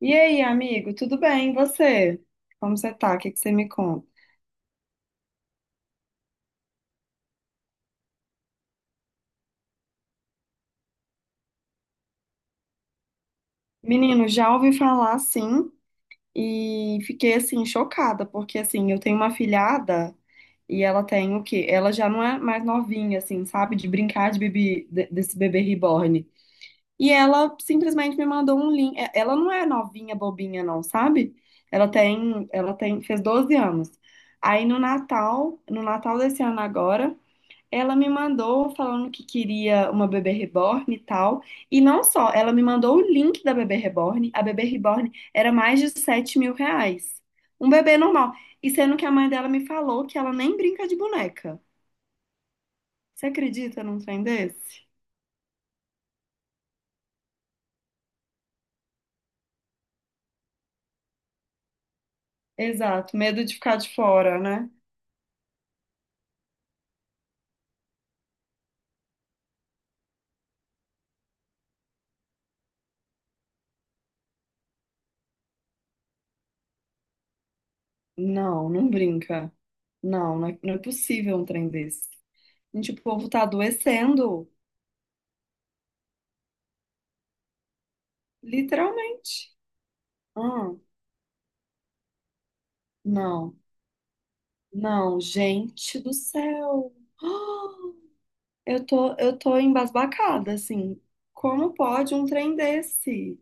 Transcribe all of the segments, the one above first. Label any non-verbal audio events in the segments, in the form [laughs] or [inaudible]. E aí, amigo, tudo bem? E você? Como você tá? O que que você me conta? Menino, já ouvi falar sim e fiquei assim chocada, porque assim, eu tenho uma filhada e ela tem o quê? Ela já não é mais novinha assim, sabe, de brincar de bebê desse bebê reborn. E ela simplesmente me mandou um link. É, ela não é novinha bobinha não, sabe? Ela tem fez 12 anos. Aí no Natal desse ano agora, ela me mandou falando que queria uma bebê reborn e tal. E não só, ela me mandou o link da bebê reborn. A bebê reborn era mais de R$ 7.000. Um bebê normal. E sendo que a mãe dela me falou que ela nem brinca de boneca. Você acredita num trem desse? Exato, medo de ficar de fora, né? Não, não brinca. Não, não é possível um trem desse. Gente, o povo tá adoecendo, literalmente. Ah, não. Não, gente do céu. [gasps] Ah, eu tô embasbacada, assim. Como pode um trem desse?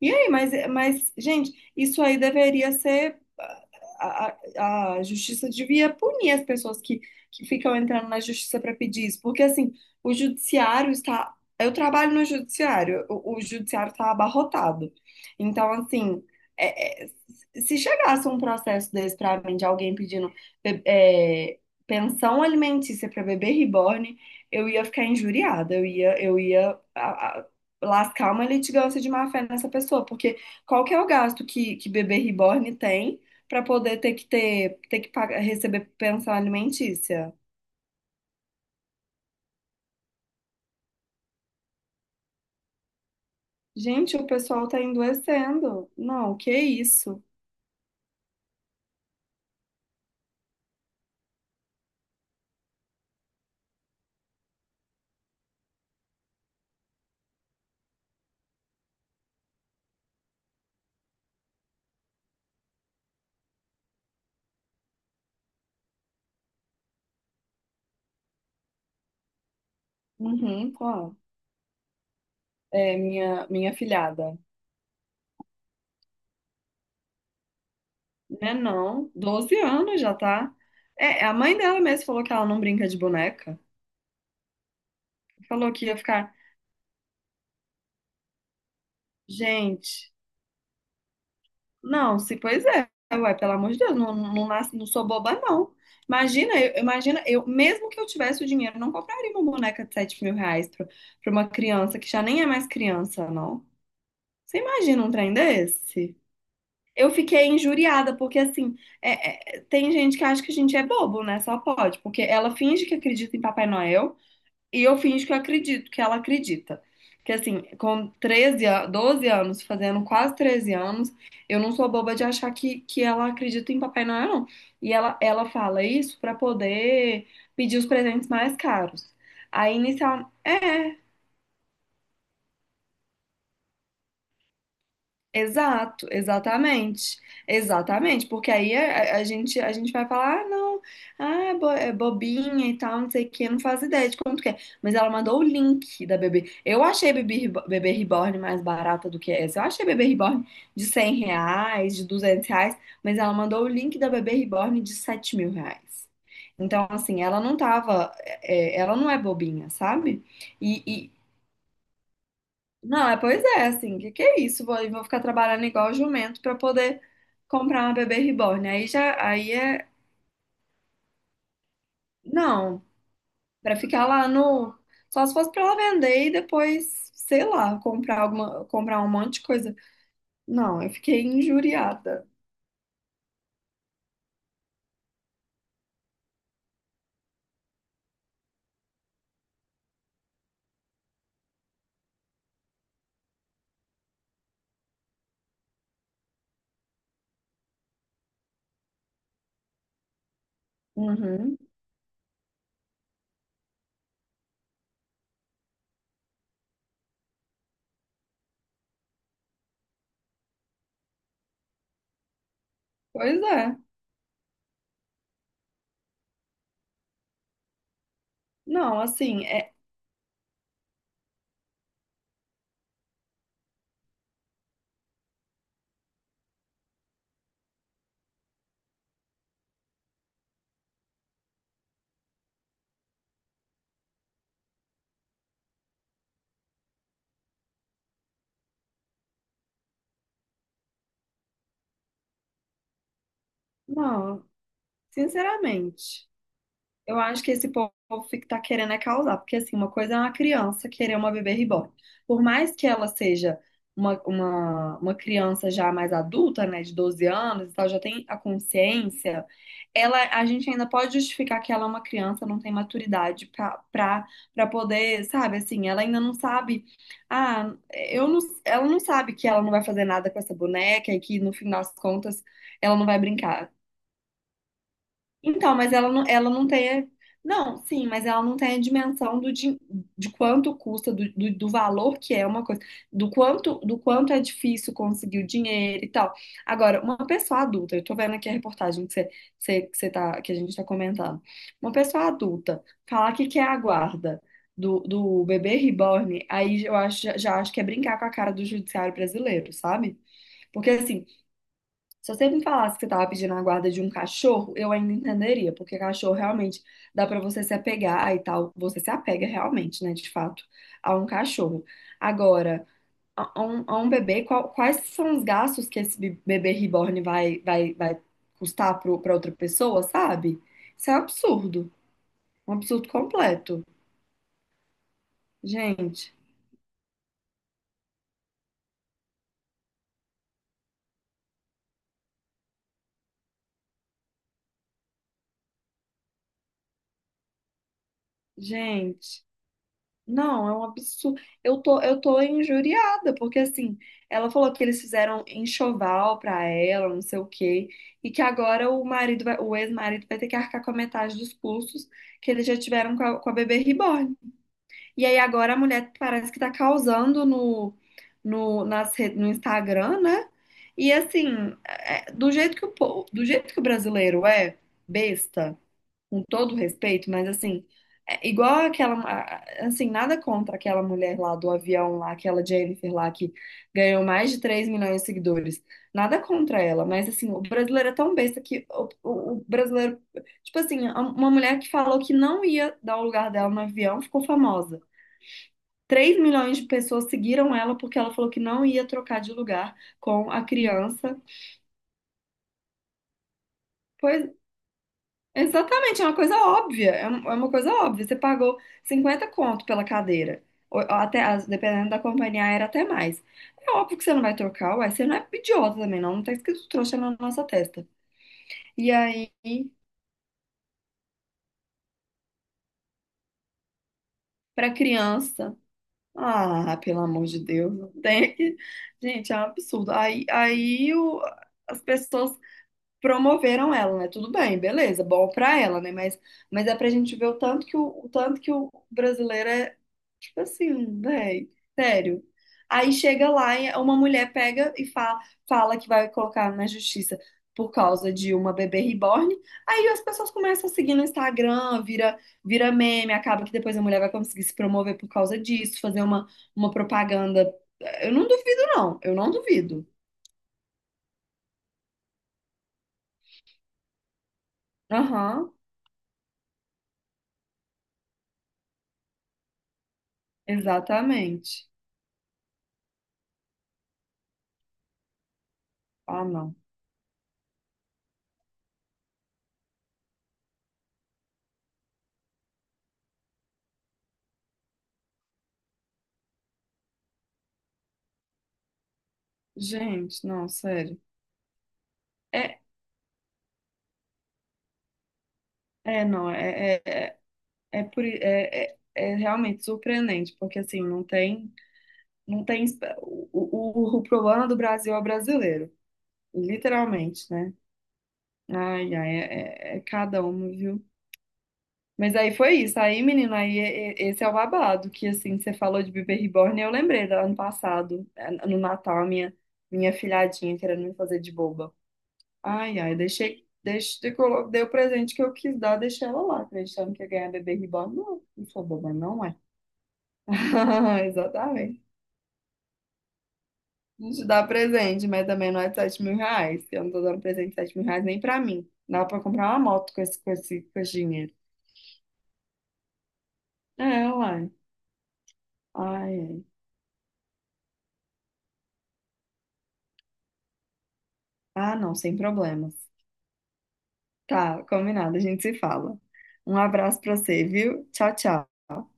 E aí, mas, gente, isso aí deveria ser. A justiça devia punir as pessoas que ficam entrando na justiça para pedir isso. Porque, assim, o judiciário está. Eu trabalho no judiciário, o judiciário está abarrotado. Então, assim, é- é, se chegasse um processo desse para mim, de alguém pedindo be- é, pensão alimentícia para bebê reborn, eu ia ficar injuriada, eu ia lascar uma litigância de má fé nessa pessoa, porque qual que é o gasto que bebê reborn tem para poder ter que pagar, receber pensão alimentícia? Gente, o pessoal tá endoecendo. Não, que isso? Uhum, qual? É minha filhada. Né, não, 12 anos já tá. É, a mãe dela mesmo falou que ela não brinca de boneca. Falou que ia ficar, gente, não, se pois é, ué, pelo amor de Deus, não, não, não sou boba, não. Imagina, eu, mesmo que eu tivesse o dinheiro, eu não compraria uma boneca de R$ 7.000 pra uma criança que já nem é mais criança, não. Você imagina um trem desse? Eu fiquei injuriada, porque assim, tem gente que acha que a gente é bobo, né? Só pode, porque ela finge que acredita em Papai Noel, e eu finjo que eu acredito, que ela acredita. Que assim, com 12 anos, fazendo quase 13 anos, eu não sou boba de achar que ela acredita em Papai Noel, não. E ela fala isso pra poder pedir os presentes mais caros. Aí, exato, exatamente, exatamente, porque aí a gente vai falar, ah, não, ah, é bobinha e tal, não sei o que, não faz ideia de quanto que é, mas ela mandou o link da bebê, eu achei a bebê Reborn mais barata do que essa, eu achei a bebê Reborn de R$ 100, de R$ 200, mas ela mandou o link da bebê Reborn de R$ 7.000, então assim, ela não tava, ela não é bobinha, sabe? Não, é, pois é, assim, que é isso? Vou ficar trabalhando igual jumento pra poder comprar uma bebê reborn. Aí já, aí é, não, pra ficar lá no, só se fosse pra ela vender e depois, sei lá, comprar alguma, comprar um monte de coisa. Não, eu fiquei injuriada. Uhum. Pois é. Não, assim, é, não, sinceramente. Eu acho que esse povo que tá querendo é causar, porque assim, uma coisa é uma criança querer uma bebê reborn. Por mais que ela seja uma criança já mais adulta, né, de 12 anos e tal, já tem a consciência, ela, a gente ainda pode justificar que ela é uma criança, não tem maturidade pra poder, sabe, assim, ela ainda não sabe, ah, eu não, ela não sabe que ela não vai fazer nada com essa boneca e que no fim das contas ela não vai brincar. Então, mas ela não tem. Não, sim, mas ela não tem a dimensão de, quanto custa, do valor que é uma coisa, do quanto é difícil conseguir o dinheiro e tal. Agora, uma pessoa adulta, eu tô vendo aqui a reportagem que você, você, que você tá, que a gente tá comentando. Uma pessoa adulta falar que quer a guarda do bebê reborn, aí eu acho, já acho que é brincar com a cara do judiciário brasileiro, sabe? Porque assim, se você me falasse que você estava pedindo a guarda de um cachorro, eu ainda entenderia, porque cachorro realmente dá para você se apegar e tal. Você se apega realmente, né, de fato, a um cachorro. Agora, a um bebê, quais são os gastos que esse bebê reborn vai custar para outra pessoa, sabe? Isso é um absurdo completo. Gente, gente. Não, é um absurdo. Eu tô injuriada, porque assim, ela falou que eles fizeram enxoval pra ela, não sei o quê, e que agora o ex-marido vai ter que arcar com a metade dos custos que eles já tiveram com a bebê reborn. E aí agora a mulher parece que tá causando no Instagram, né? E assim, do jeito que o brasileiro é besta com todo respeito, mas assim, é igual assim, nada contra aquela mulher lá do avião lá, aquela Jennifer lá que ganhou mais de 3 milhões de seguidores. Nada contra ela, mas assim, o brasileiro é tão besta que o brasileiro, tipo assim, uma mulher que falou que não ia dar o lugar dela no avião ficou famosa. 3 milhões de pessoas seguiram ela porque ela falou que não ia trocar de lugar com a criança. Pois, exatamente, é uma coisa óbvia, é uma coisa óbvia. Você pagou 50 conto pela cadeira, ou até, dependendo da companhia aérea, até mais. É óbvio que você não vai trocar, uai, você não é idiota também, não, não tá escrito trouxa na nossa testa. E aí, pra criança, ah, pelo amor de Deus, não tem que... Gente, é um absurdo. As pessoas promoveram ela, né? Tudo bem, beleza, bom pra ela, né? Mas é pra gente ver o tanto que o brasileiro é. Tipo assim, véi, sério. Aí chega lá e uma mulher pega e fa fala que vai colocar na justiça por causa de uma bebê reborn. Aí as pessoas começam a seguir no Instagram, vira meme, acaba que depois a mulher vai conseguir se promover por causa disso, fazer uma propaganda. Eu não duvido, não. Eu não duvido. Aham, exatamente. Ah, não. Gente, não, sério. É, não, é realmente surpreendente, porque assim, não tem o problema do Brasil é brasileiro, literalmente, né? Ai, ai, é cada um, viu? Mas aí foi isso, aí, menino, aí esse é o babado, que assim, você falou de bebê reborn, eu lembrei do ano passado, no Natal, a minha filhadinha querendo me fazer de boba. Ai, ai, dei o presente que eu quis dar, deixei ela lá, acreditando que ia ganhar bebê reborn. Não, não sou boba, não, é. [laughs] Exatamente. Não te dá presente, mas também não é de 7 mil reais. Eu não tô dando presente de 7 mil reais nem pra mim. Dá pra comprar uma moto com esse, dinheiro. É, uai. Ai, ai. Ah, não, sem problemas. Tá, combinado, a gente se fala. Um abraço pra você, viu? Tchau, tchau.